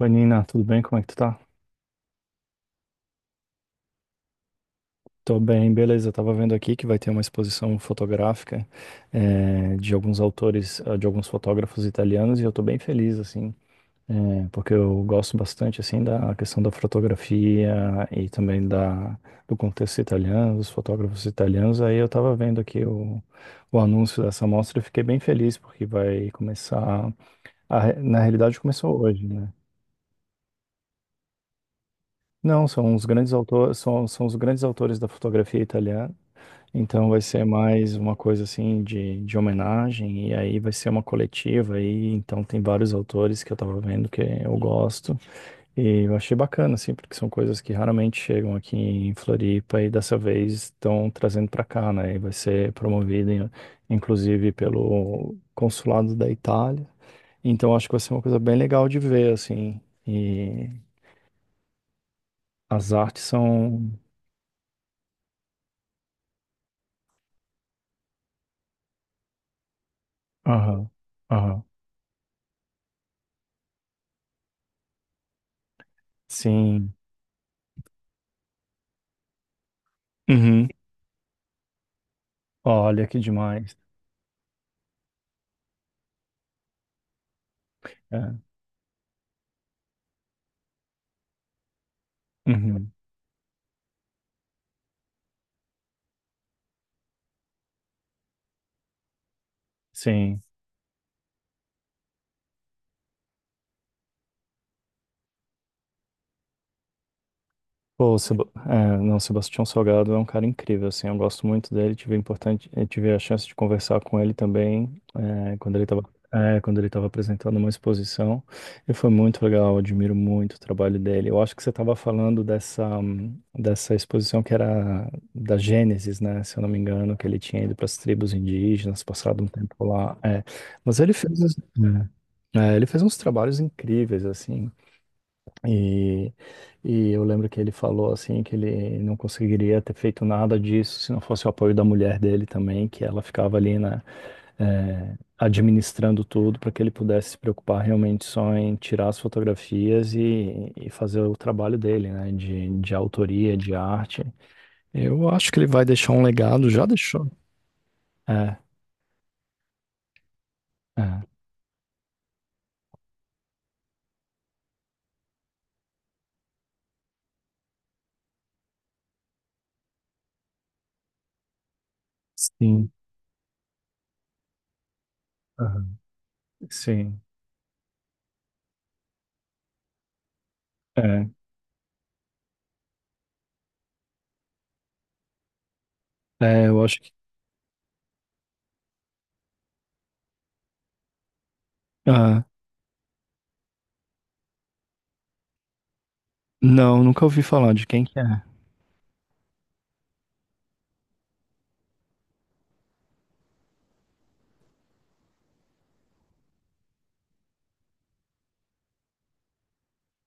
Oi, Nina, tudo bem? Como é que tu tá? Tô bem, beleza. Eu tava vendo aqui que vai ter uma exposição fotográfica de alguns autores, de alguns fotógrafos italianos e eu tô bem feliz, assim, porque eu gosto bastante, assim, da questão da fotografia e também do contexto italiano, dos fotógrafos italianos. Aí eu tava vendo aqui o anúncio dessa mostra e fiquei bem feliz porque vai começar, na realidade começou hoje, né? Não, são os grandes autores, são os grandes autores da fotografia italiana. Então vai ser mais uma coisa assim de homenagem, e aí vai ser uma coletiva aí, então tem vários autores que eu tava vendo que eu gosto, e eu achei bacana, assim, porque são coisas que raramente chegam aqui em Floripa e dessa vez estão trazendo para cá, né? E vai ser promovido, inclusive, pelo consulado da Itália. Então acho que vai ser uma coisa bem legal de ver, assim, e as artes são. Aham, aham, sim. Uhum. Olha que demais. É. Uhum, sim. Pô, o Seb... é, não, Sebastião Salgado é um cara incrível, assim, eu gosto muito dele, tive importante, eu tive a chance de conversar com ele também, é, quando ele estava é, quando ele estava apresentando uma exposição, e foi muito legal, eu admiro muito o trabalho dele. Eu acho que você estava falando dessa, dessa exposição que era da Gênesis, né, se eu não me engano, que ele tinha ido para as tribos indígenas, passado um tempo lá, é, mas ele fez, ele fez uns trabalhos incríveis, assim, E, e eu lembro que ele falou assim que ele não conseguiria ter feito nada disso se não fosse o apoio da mulher dele também, que ela ficava ali, né, administrando tudo para que ele pudesse se preocupar realmente só em tirar as fotografias e fazer o trabalho dele, né, de autoria, de arte. Eu acho que ele vai deixar um legado, já deixou. É, é, sim, aham, sim, é, é, eu acho que, ah, não, nunca ouvi falar de quem que é.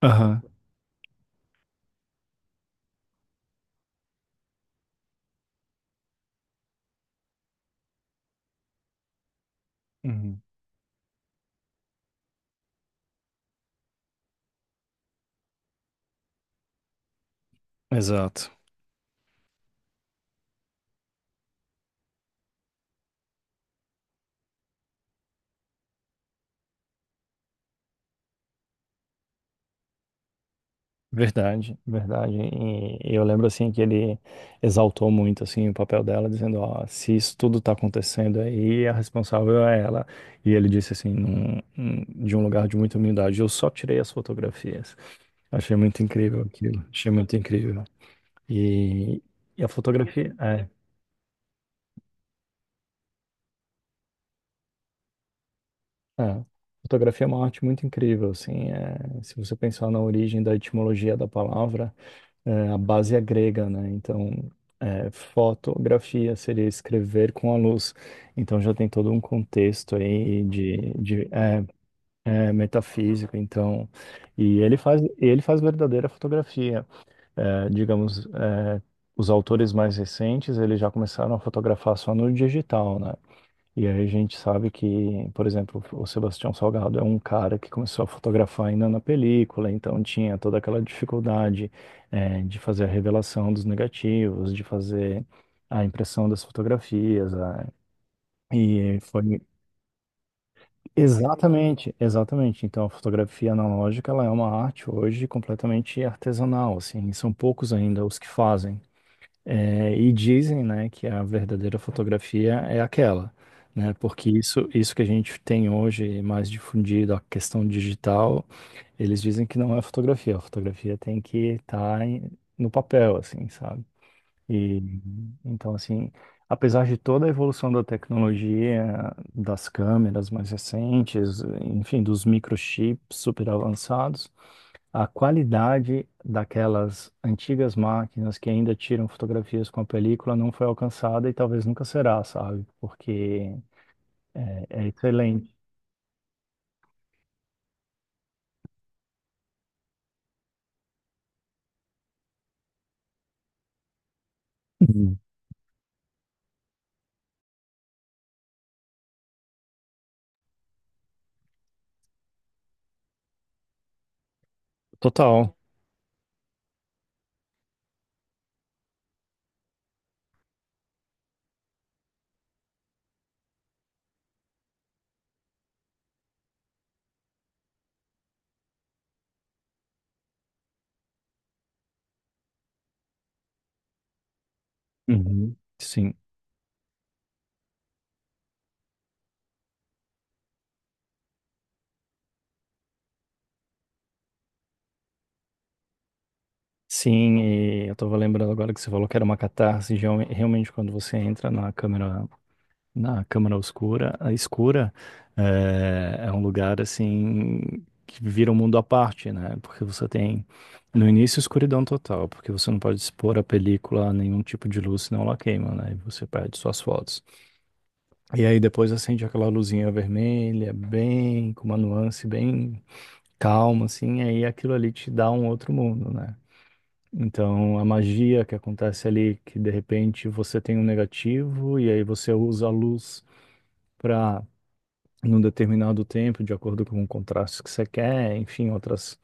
Aham. Uhum. Exato. Verdade, verdade. E eu lembro assim que ele exaltou muito assim o papel dela, dizendo, ó, se isso tudo tá acontecendo aí, a responsável é ela. E ele disse assim, de um lugar de muita humildade, eu só tirei as fotografias. Achei muito incrível aquilo. Achei muito incrível. E, e a fotografia é, é, fotografia é uma arte muito incrível, assim. É, se você pensar na origem da etimologia da palavra. É, a base é grega, né? Então, é, fotografia seria escrever com a luz. Então, já tem todo um contexto aí de é, metafísico. Então, e ele faz verdadeira fotografia. É, digamos, é, os autores mais recentes, eles já começaram a fotografar só no digital, né? E aí a gente sabe que, por exemplo, o Sebastião Salgado é um cara que começou a fotografar ainda na película, então tinha toda aquela dificuldade, de fazer a revelação dos negativos, de fazer a impressão das fotografias. E foi exatamente, exatamente. Então a fotografia analógica ela é uma arte hoje completamente artesanal, assim, são poucos ainda os que fazem. É, e dizem, né, que a verdadeira fotografia é aquela, né? Porque isso que a gente tem hoje mais difundido, a questão digital, eles dizem que não é fotografia. A fotografia tem que estar no papel, assim, sabe? E então, assim, apesar de toda a evolução da tecnologia, das câmeras mais recentes, enfim, dos microchips super avançados, a qualidade daquelas antigas máquinas que ainda tiram fotografias com a película não foi alcançada e talvez nunca será, sabe? Porque é, é excelente. Uhum. Total. Uhum. Sim. Sim, e eu estava lembrando agora que você falou que era uma catarse, e realmente quando você entra na câmera, na Câmara Oscura, a escura, é, é um lugar assim que vira um mundo à parte, né? Porque você tem no início escuridão total, porque você não pode expor a película a nenhum tipo de luz, senão ela queima, né? E você perde suas fotos. E aí depois acende aquela luzinha vermelha, bem com uma nuance bem calma, assim, aí aquilo ali te dá um outro mundo, né? Então, a magia que acontece ali, que de repente você tem um negativo e aí você usa a luz para num determinado tempo, de acordo com o contraste que você quer, enfim,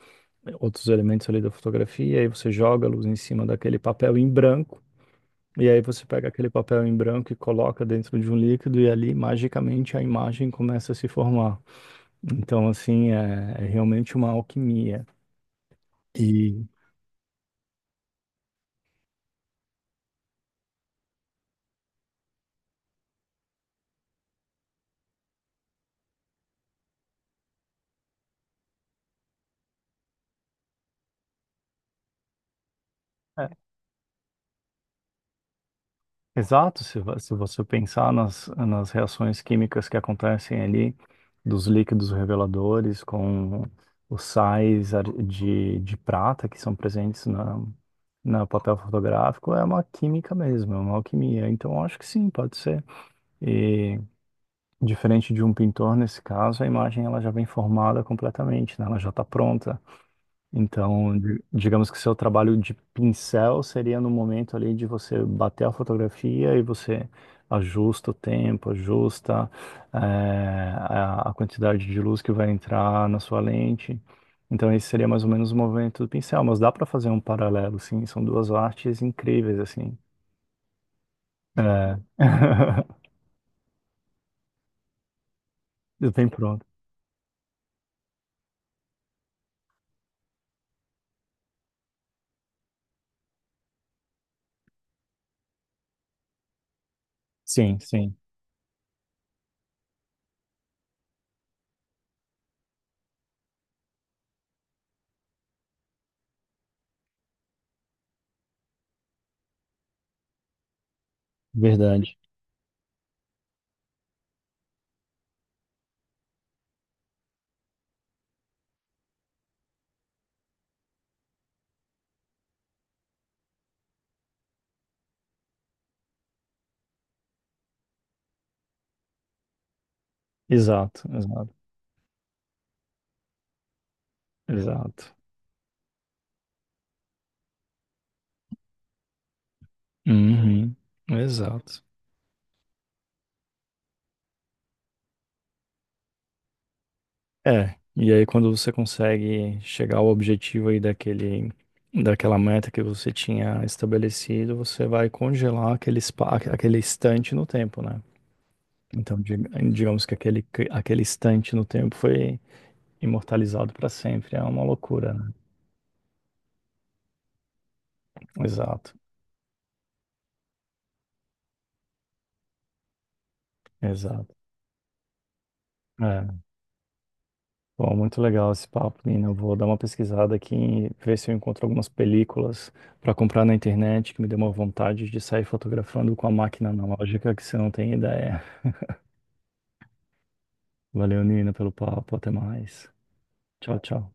outros elementos ali da fotografia, aí você joga a luz em cima daquele papel em branco, e aí você pega aquele papel em branco e coloca dentro de um líquido, e ali, magicamente, a imagem começa a se formar. Então, assim, é, é realmente uma alquimia. E exato, se você pensar nas reações químicas que acontecem ali, dos líquidos reveladores com os sais de prata que são presentes na, na papel fotográfico, é uma química mesmo, é uma alquimia. Então, eu acho que sim, pode ser. E diferente de um pintor, nesse caso, a imagem ela já vem formada completamente, né? Ela já está pronta. Então, digamos que seu trabalho de pincel seria no momento ali de você bater a fotografia e você ajusta o tempo, ajusta eh, a quantidade de luz que vai entrar na sua lente. Então, esse seria mais ou menos o movimento do pincel, mas dá para fazer um paralelo, sim. São duas artes incríveis, assim. É. Bem pronto. Sim, sim, verdade. Exato, exato, exato. Uhum, exato. É, e aí quando você consegue chegar ao objetivo aí daquele, daquela meta que você tinha estabelecido, você vai congelar aquele instante no tempo, né? Então, digamos que aquele, aquele instante no tempo foi imortalizado para sempre. É uma loucura, né? Exato, exato. É. Bom, muito legal esse papo, Nina. Eu vou dar uma pesquisada aqui e ver se eu encontro algumas películas para comprar na internet, que me deu uma vontade de sair fotografando com a máquina analógica, que você não tem ideia. Valeu, Nina, pelo papo. Até mais. Tchau, tchau.